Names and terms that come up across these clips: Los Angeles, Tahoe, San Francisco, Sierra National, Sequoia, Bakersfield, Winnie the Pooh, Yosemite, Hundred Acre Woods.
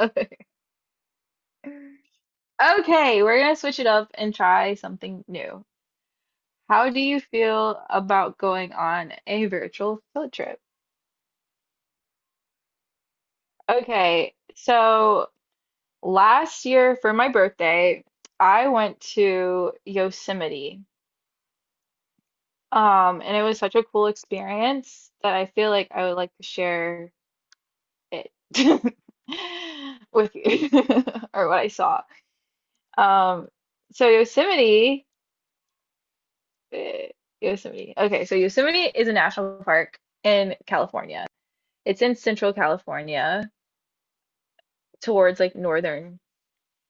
Okay, Okay, we're gonna switch it up and try something new. How do you feel about going on a virtual field trip? Okay, so last year for my birthday, I went to Yosemite. And it was such a cool experience that I feel like I would like to share it with you or what I saw. Um, so Yosemite Eh, Yosemite. Okay, so Yosemite is a national park in California. It's in central California towards like northern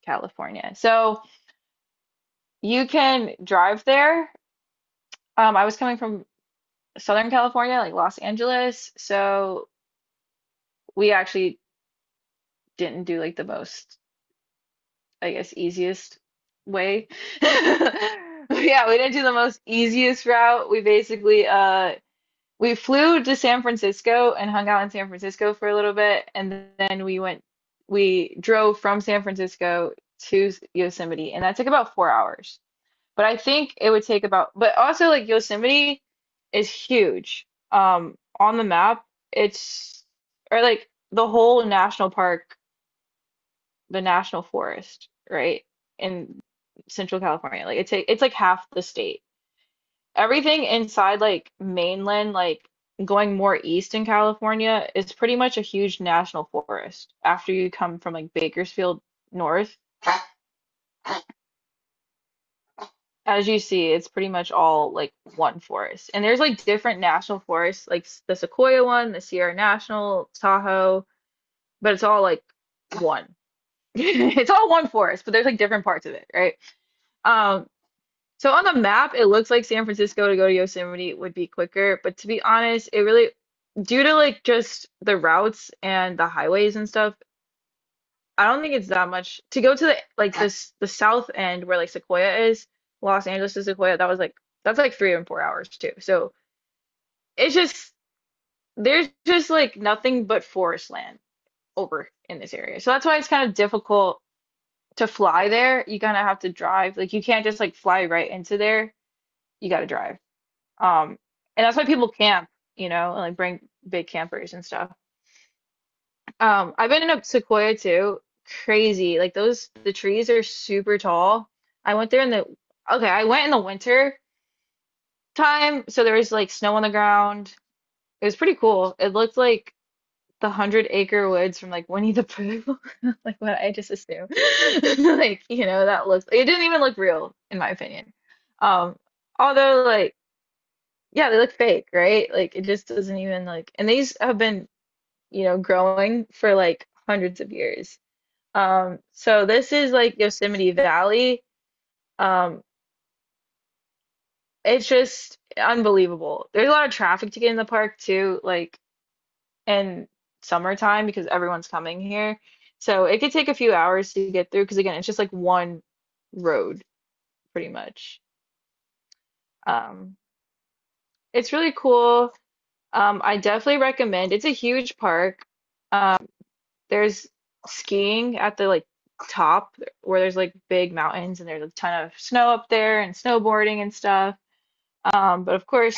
California. So you can drive there. I was coming from Southern California, like Los Angeles, so we actually didn't do like the most, I guess, easiest way. Yeah, we didn't do the most easiest route. We basically we flew to San Francisco and hung out in San Francisco for a little bit, and we drove from San Francisco to Yosemite, and that took about 4 hours. But I think it would take about, but also like Yosemite is huge. On the map, it's or like the whole national park, the national forest, right? In Central California. Like it's like half the state. Everything inside like mainland, like going more east in California, is pretty much a huge national forest. After you come from like Bakersfield north, as you see, it's pretty much all like one forest. And there's like different national forests, like the Sequoia one, the Sierra National, Tahoe, but it's all like one. It's all one forest, but there's like different parts of it, right? Um, So on the map, it looks like San Francisco to go to Yosemite would be quicker, but to be honest, it really, due to like just the routes and the highways and stuff, I don't think it's that much to go to the like this the south end where like Sequoia is, Los Angeles to Sequoia, that's like 3 and 4 hours too. So it's just there's just like nothing but forest land over in this area. So that's why it's kind of difficult to fly there. You kind of have to drive. Like you can't just like fly right into there. You got to drive. Um, and that's why people camp, you know, and like bring big campers and stuff. I've been in a Sequoia too. Crazy. Like those, the trees are super tall. I went there in the, okay, I went in the winter time, so there was like snow on the ground. It was pretty cool. It looked like the Hundred Acre Woods from like Winnie the Pooh. Like what I just assumed. Like, you know, that looks, it didn't even look real in my opinion. Um, although like Yeah, they look fake, right? Like it just doesn't even like and these have been, you know, growing for like hundreds of years. So this is like Yosemite Valley. Um, it's just unbelievable. There's a lot of traffic to get in the park too, like in summertime because everyone's coming here. So it could take a few hours to get through because again, it's just like one road pretty much. Um, it's really cool. I definitely recommend. It's a huge park. Um, There's skiing at the like top where there's like big mountains and there's a ton of snow up there and snowboarding and stuff. But of course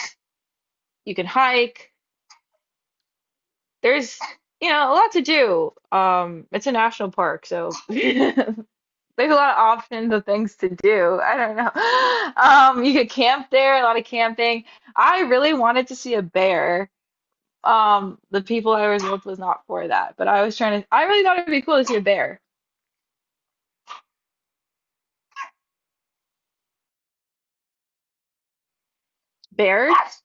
you can hike. There's, you know, a lot to do. It's a national park, so there's a lot of options of things to do. I don't know. You could camp there, a lot of camping. I really wanted to see a bear. The people I was with was not for that, but I was trying to, I really thought it'd be cool to see a bear. Bears?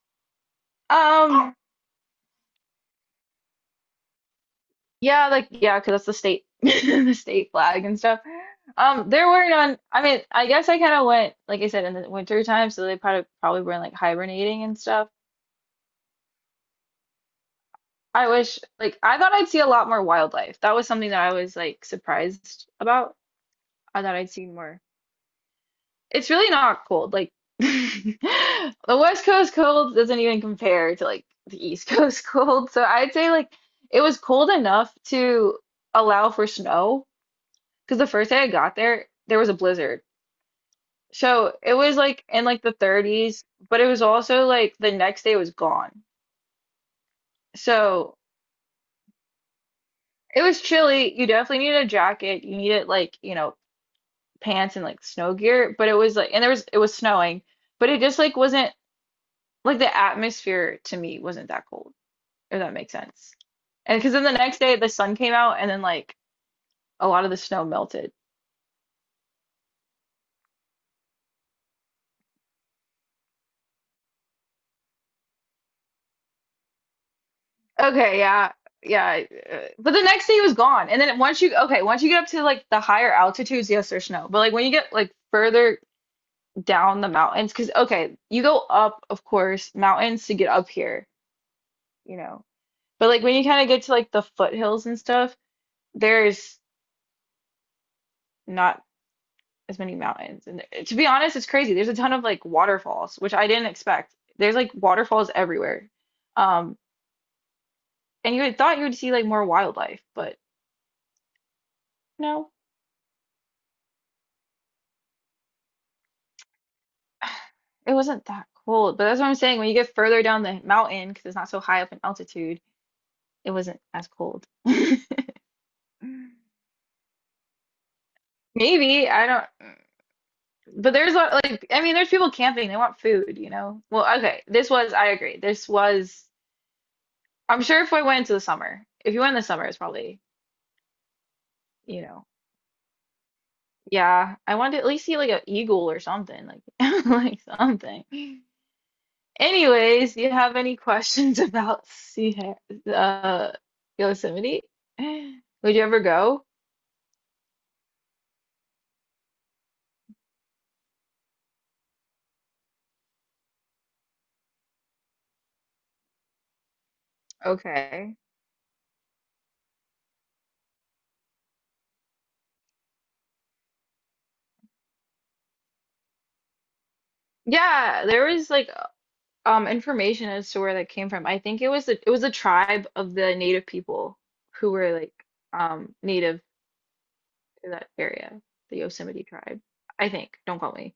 Um, Yeah, like yeah, 'cause that's the state the state flag and stuff. They're wearing on. I mean, I guess I kind of went like I said in the winter time, so they probably were like hibernating and stuff. I wish like I thought I'd see a lot more wildlife. That was something that I was like surprised about. I thought I'd see more. It's really not cold. Like the West Coast cold doesn't even compare to like the East Coast cold. So I'd say like it was cold enough to allow for snow because the first day I got there, there was a blizzard. So it was like in like the 30s, but it was also like the next day was gone. So it was chilly. You definitely needed a jacket. You needed like, you know, pants and like snow gear, but it was like, and there was, it was snowing, but it just like wasn't like the atmosphere to me wasn't that cold, if that makes sense. And because then the next day the sun came out and then like a lot of the snow melted. Okay, yeah. But the next day he was gone. And then once you okay, once you get up to like the higher altitudes, yes, there's snow. But like when you get like further down the mountains, because okay, you go up, of course, mountains to get up here, you know. But like when you kind of get to like the foothills and stuff, there's not as many mountains. And to be honest, it's crazy. There's a ton of like waterfalls, which I didn't expect. There's like waterfalls everywhere. Um, and you had thought you would see like more wildlife, but no. It wasn't that cold, but that's what I'm saying. When you get further down the mountain, because it's not so high up in altitude, it wasn't as cold. Maybe, I don't, but there's a, like, I mean, there's people camping, they want food, you know? Well, okay, this was, I agree. This was, I'm sure if I went into the summer, if you went in the summer, it's probably, you know, yeah, I wanted to at least see like an eagle or something, like, like something. Anyways, do you have any questions about uh, Yosemite? Would you ever go? Okay. Yeah, there was like information as to where that came from. I think it was a tribe of the native people who were like native to that area, the Yosemite tribe. I think. Don't quote me.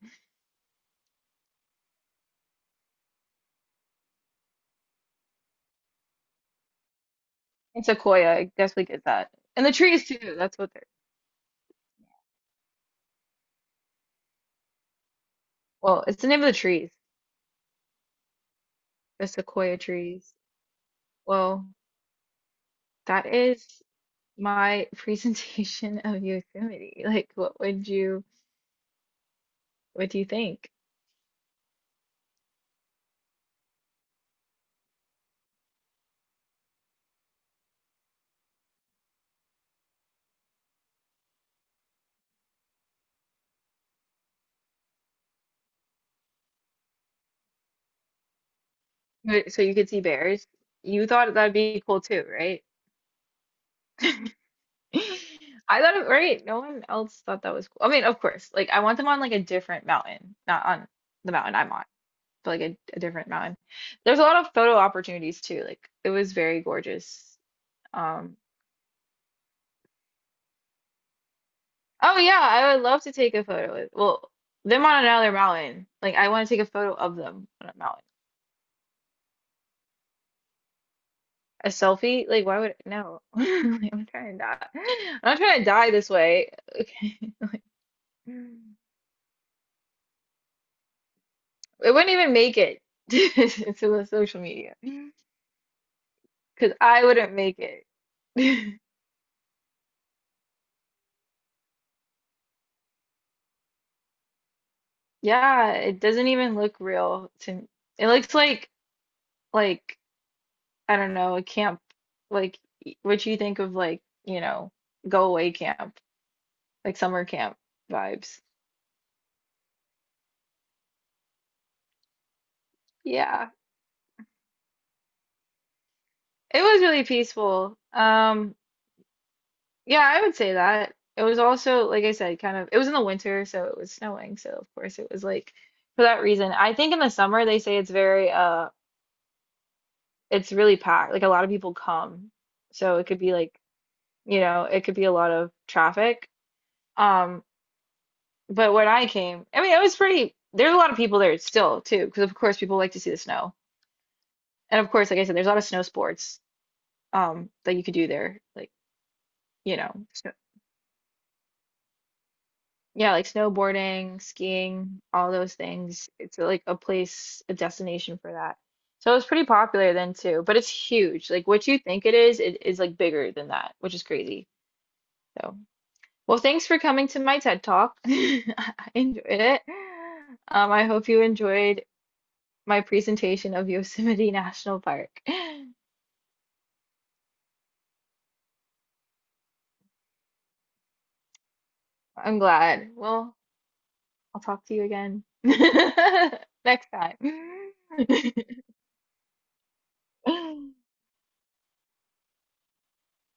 And sequoia, I guess we get that. And the trees too. That's what they're. Well, it's the name of the trees, the sequoia trees. Well, that is my presentation of Yosemite. Like, what do you think? Wait, so you could see bears. You thought that'd be cool too, right? I thought it, right? No one else thought that was cool. I mean, of course, like I want them on like a different mountain, not on the mountain I'm on, but like a different mountain. There's a lot of photo opportunities too. Like it was very gorgeous. Um, oh yeah, I would love to take a photo with, well, them on another mountain. Like I want to take a photo of them on a mountain. A selfie? Like why would no? Like, I'm trying to die. I'm not trying to die this way. Okay. Like, it wouldn't even make it to the social media because I wouldn't make it. Yeah, it doesn't even look real to it looks like like I don't know, a camp like what you think of like, you know, go away camp, like summer camp vibes. Yeah. It was really peaceful. Yeah, I would say that. It was also like I said, kind of it was in the winter, so it was snowing, so of course it was like for that reason. I think in the summer they say it's very it's really packed. Like a lot of people come. So it could be like, you know, it could be a lot of traffic. Um, but when I came, I mean, it was pretty, there's a lot of people there still too, because of course people like to see the snow. And of course, like I said, there's a lot of snow sports that you could do there. Like, you know, so, yeah, like snowboarding, skiing, all those things. It's like a place, a destination for that. So it was pretty popular then too, but it's huge. Like what you think it is like bigger than that, which is crazy. So. Well, thanks for coming to my TED Talk. I enjoyed it. I hope you enjoyed my presentation of Yosemite National Park. I'm glad. Well, I'll talk to you again next time.